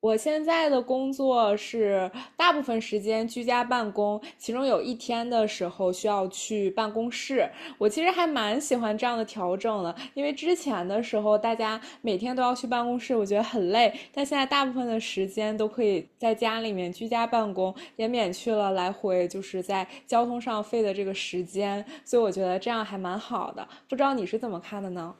我现在的工作是大部分时间居家办公，其中有一天的时候需要去办公室。我其实还蛮喜欢这样的调整的，因为之前的时候大家每天都要去办公室，我觉得很累。但现在大部分的时间都可以在家里面居家办公，也免去了来回就是在交通上费的这个时间，所以我觉得这样还蛮好的。不知道你是怎么看的呢？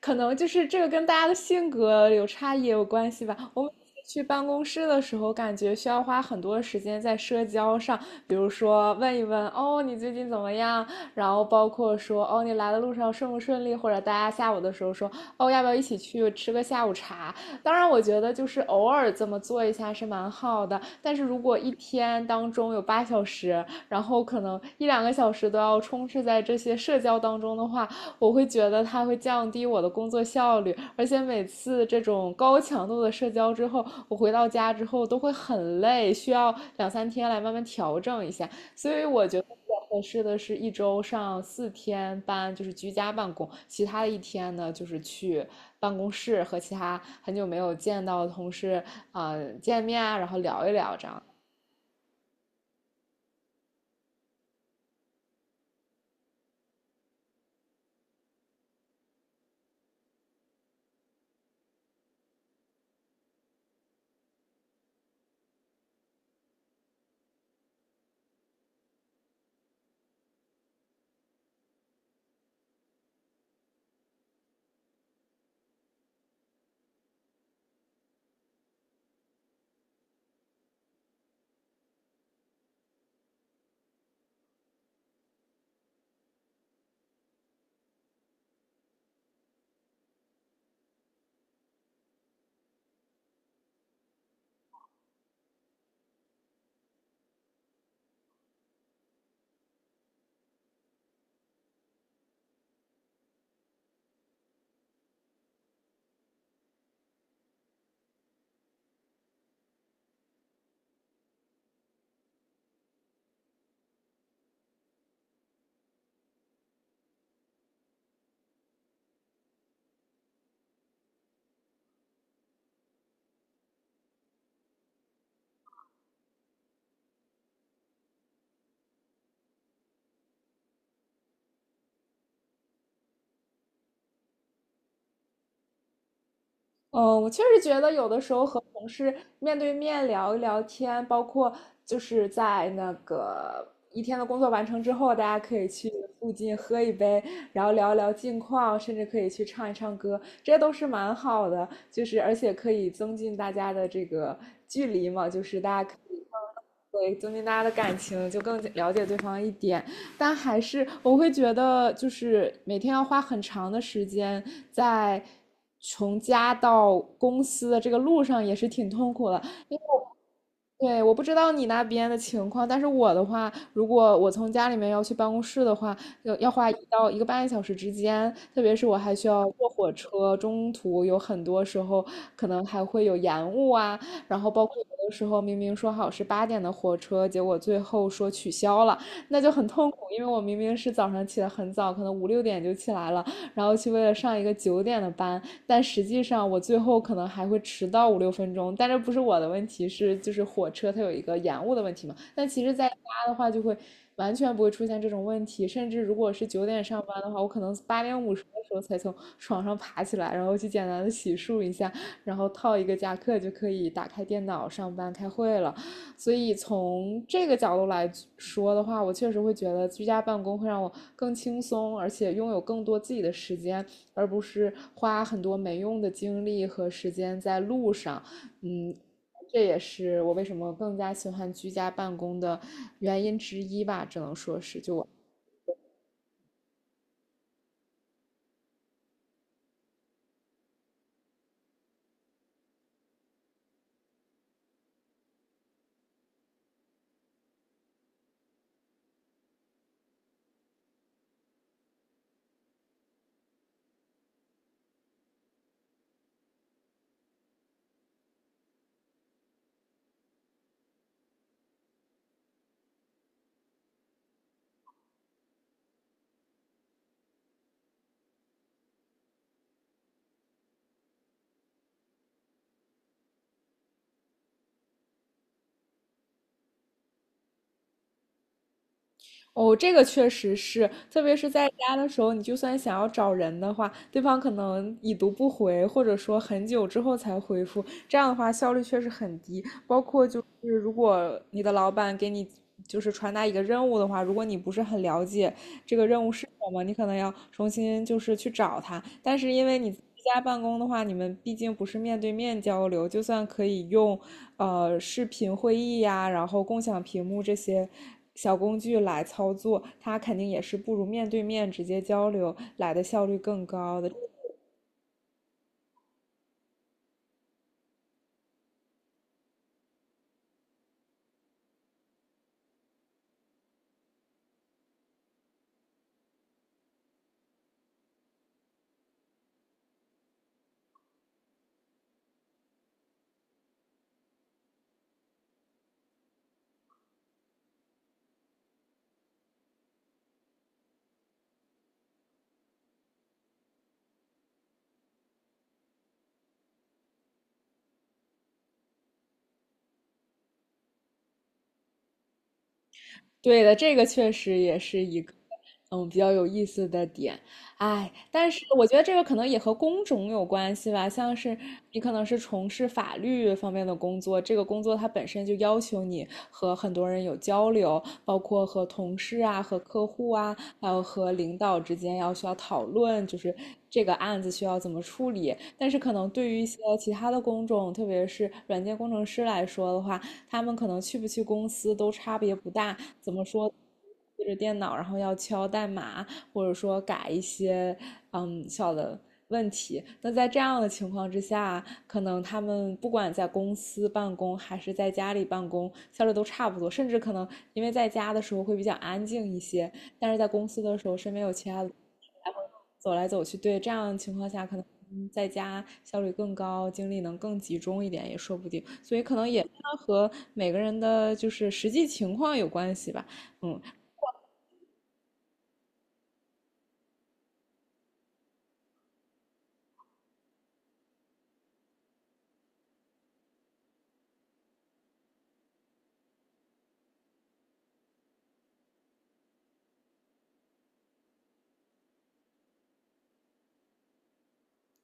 可能就是这个跟大家的性格有差异也有关系吧。我每次去办公室的时候，感觉需要花很多时间在社交上，比如说问一问哦你最近怎么样，然后包括说哦你来的路上顺不顺利，或者大家下午的时候说哦要不要一起去吃个下午茶。当然，我觉得就是偶尔这么做一下是蛮好的，但是如果一天当中有8小时，然后可能一两个小时都要充斥在这些社交当中的话，我会觉得它会降低我的工作效率，而且每次这种高强度的社交之后，我回到家之后都会很累，需要两三天来慢慢调整一下。所以我觉得比较合适的是一周上4天班，就是居家办公，其他的一天呢就是去办公室和其他很久没有见到的同事啊、见面啊，然后聊一聊这样。嗯，我确实觉得有的时候和同事面对面聊一聊天，包括就是在那个一天的工作完成之后，大家可以去附近喝一杯，然后聊一聊近况，甚至可以去唱一唱歌，这些都是蛮好的。就是而且可以增进大家的这个距离嘛，就是大家可以对增进大家的感情，就更了解对方一点。但还是我会觉得，就是每天要花很长的时间在从家到公司的这个路上也是挺痛苦的。对，我不知道你那边的情况，但是我的话，如果我从家里面要去办公室的话，要花一到一个半小时之间，特别是我还需要坐火车，中途有很多时候可能还会有延误啊，然后包括有的时候明明说好是8点的火车，结果最后说取消了，那就很痛苦，因为我明明是早上起得很早，可能五六点就起来了，然后去为了上一个9点的班，但实际上我最后可能还会迟到五六分钟，但这不是我的问题，是就是火车它有一个延误的问题嘛。但其实在家的话，就会完全不会出现这种问题，甚至如果是9点上班的话，我可能8点50的时候才从床上爬起来，然后去简单的洗漱一下，然后套一个夹克就可以打开电脑上班开会了。所以从这个角度来说的话，我确实会觉得居家办公会让我更轻松，而且拥有更多自己的时间而不是花很多没用的精力和时间在路上。嗯，这也是我为什么更加喜欢居家办公的原因之一吧，只能说是就我。哦，这个确实是，特别是在家的时候，你就算想要找人的话，对方可能已读不回，或者说很久之后才回复，这样的话效率确实很低。包括就是如果你的老板给你就是传达一个任务的话，如果你不是很了解这个任务是什么，你可能要重新就是去找他。但是因为你居家办公的话，你们毕竟不是面对面交流，就算可以用视频会议呀，然后共享屏幕这些小工具来操作，它肯定也是不如面对面直接交流来的效率更高的。对的，这个确实也是一个比较有意思的点。哎，但是我觉得这个可能也和工种有关系吧，像是你可能是从事法律方面的工作，这个工作它本身就要求你和很多人有交流，包括和同事啊、和客户啊，还有和领导之间要需要讨论，就是这个案子需要怎么处理。但是可能对于一些其他的工种，特别是软件工程师来说的话，他们可能去不去公司都差别不大。怎么说？对着电脑，然后要敲代码，或者说改一些小的问题。那在这样的情况之下，可能他们不管在公司办公还是在家里办公，效率都差不多，甚至可能因为在家的时候会比较安静一些，但是在公司的时候身边有其他的，走来走去，对，这样的情况下可能在家效率更高，精力能更集中一点，也说不定。所以可能也和每个人的就是实际情况有关系吧。嗯，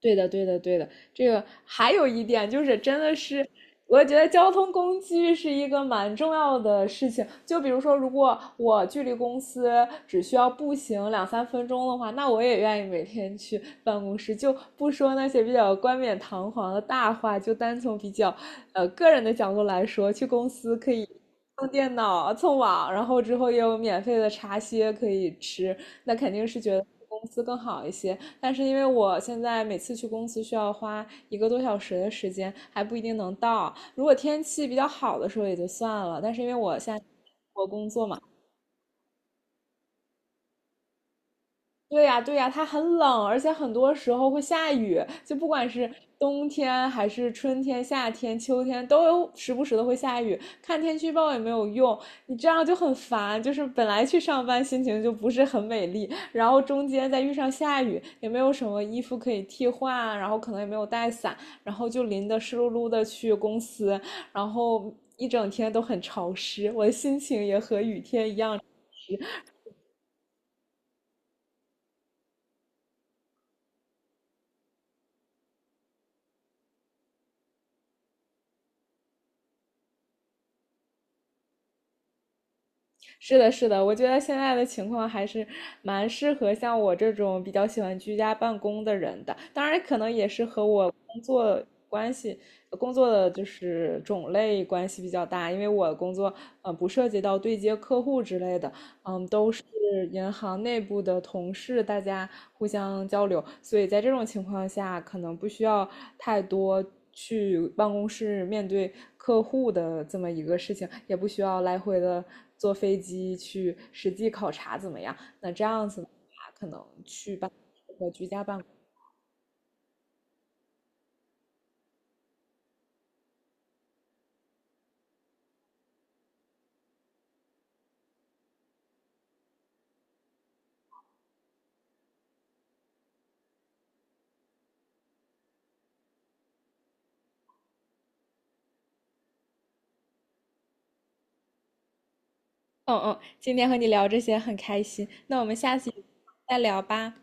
对的，对的，对的。这个还有一点就是，真的是，我觉得交通工具是一个蛮重要的事情。就比如说，如果我距离公司只需要步行两三分钟的话，那我也愿意每天去办公室。就不说那些比较冠冕堂皇的大话，就单从比较个人的角度来说，去公司可以用电脑、蹭网，然后之后也有免费的茶歇可以吃，那肯定是觉得公司更好一些。但是因为我现在每次去公司需要花一个多小时的时间，还不一定能到。如果天气比较好的时候也就算了，但是因为我现在我工作嘛。对呀，对呀，它很冷，而且很多时候会下雨，就不管是冬天还是春天、夏天、秋天，都有时不时的会下雨。看天气预报也没有用，你这样就很烦。就是本来去上班心情就不是很美丽，然后中间再遇上下雨，也没有什么衣服可以替换，然后可能也没有带伞，然后就淋得湿漉漉的去公司，然后一整天都很潮湿，我的心情也和雨天一样。是的，是的，我觉得现在的情况还是蛮适合像我这种比较喜欢居家办公的人的。当然，可能也是和我工作关系、工作的就是种类关系比较大，因为我工作不涉及到对接客户之类的，都是银行内部的同事，大家互相交流，所以在这种情况下，可能不需要太多去办公室面对客户的这么一个事情，也不需要来回的坐飞机去实际考察怎么样。那这样子的话，可能去办和居家办公。嗯嗯，今天和你聊这些很开心，那我们下次再聊吧。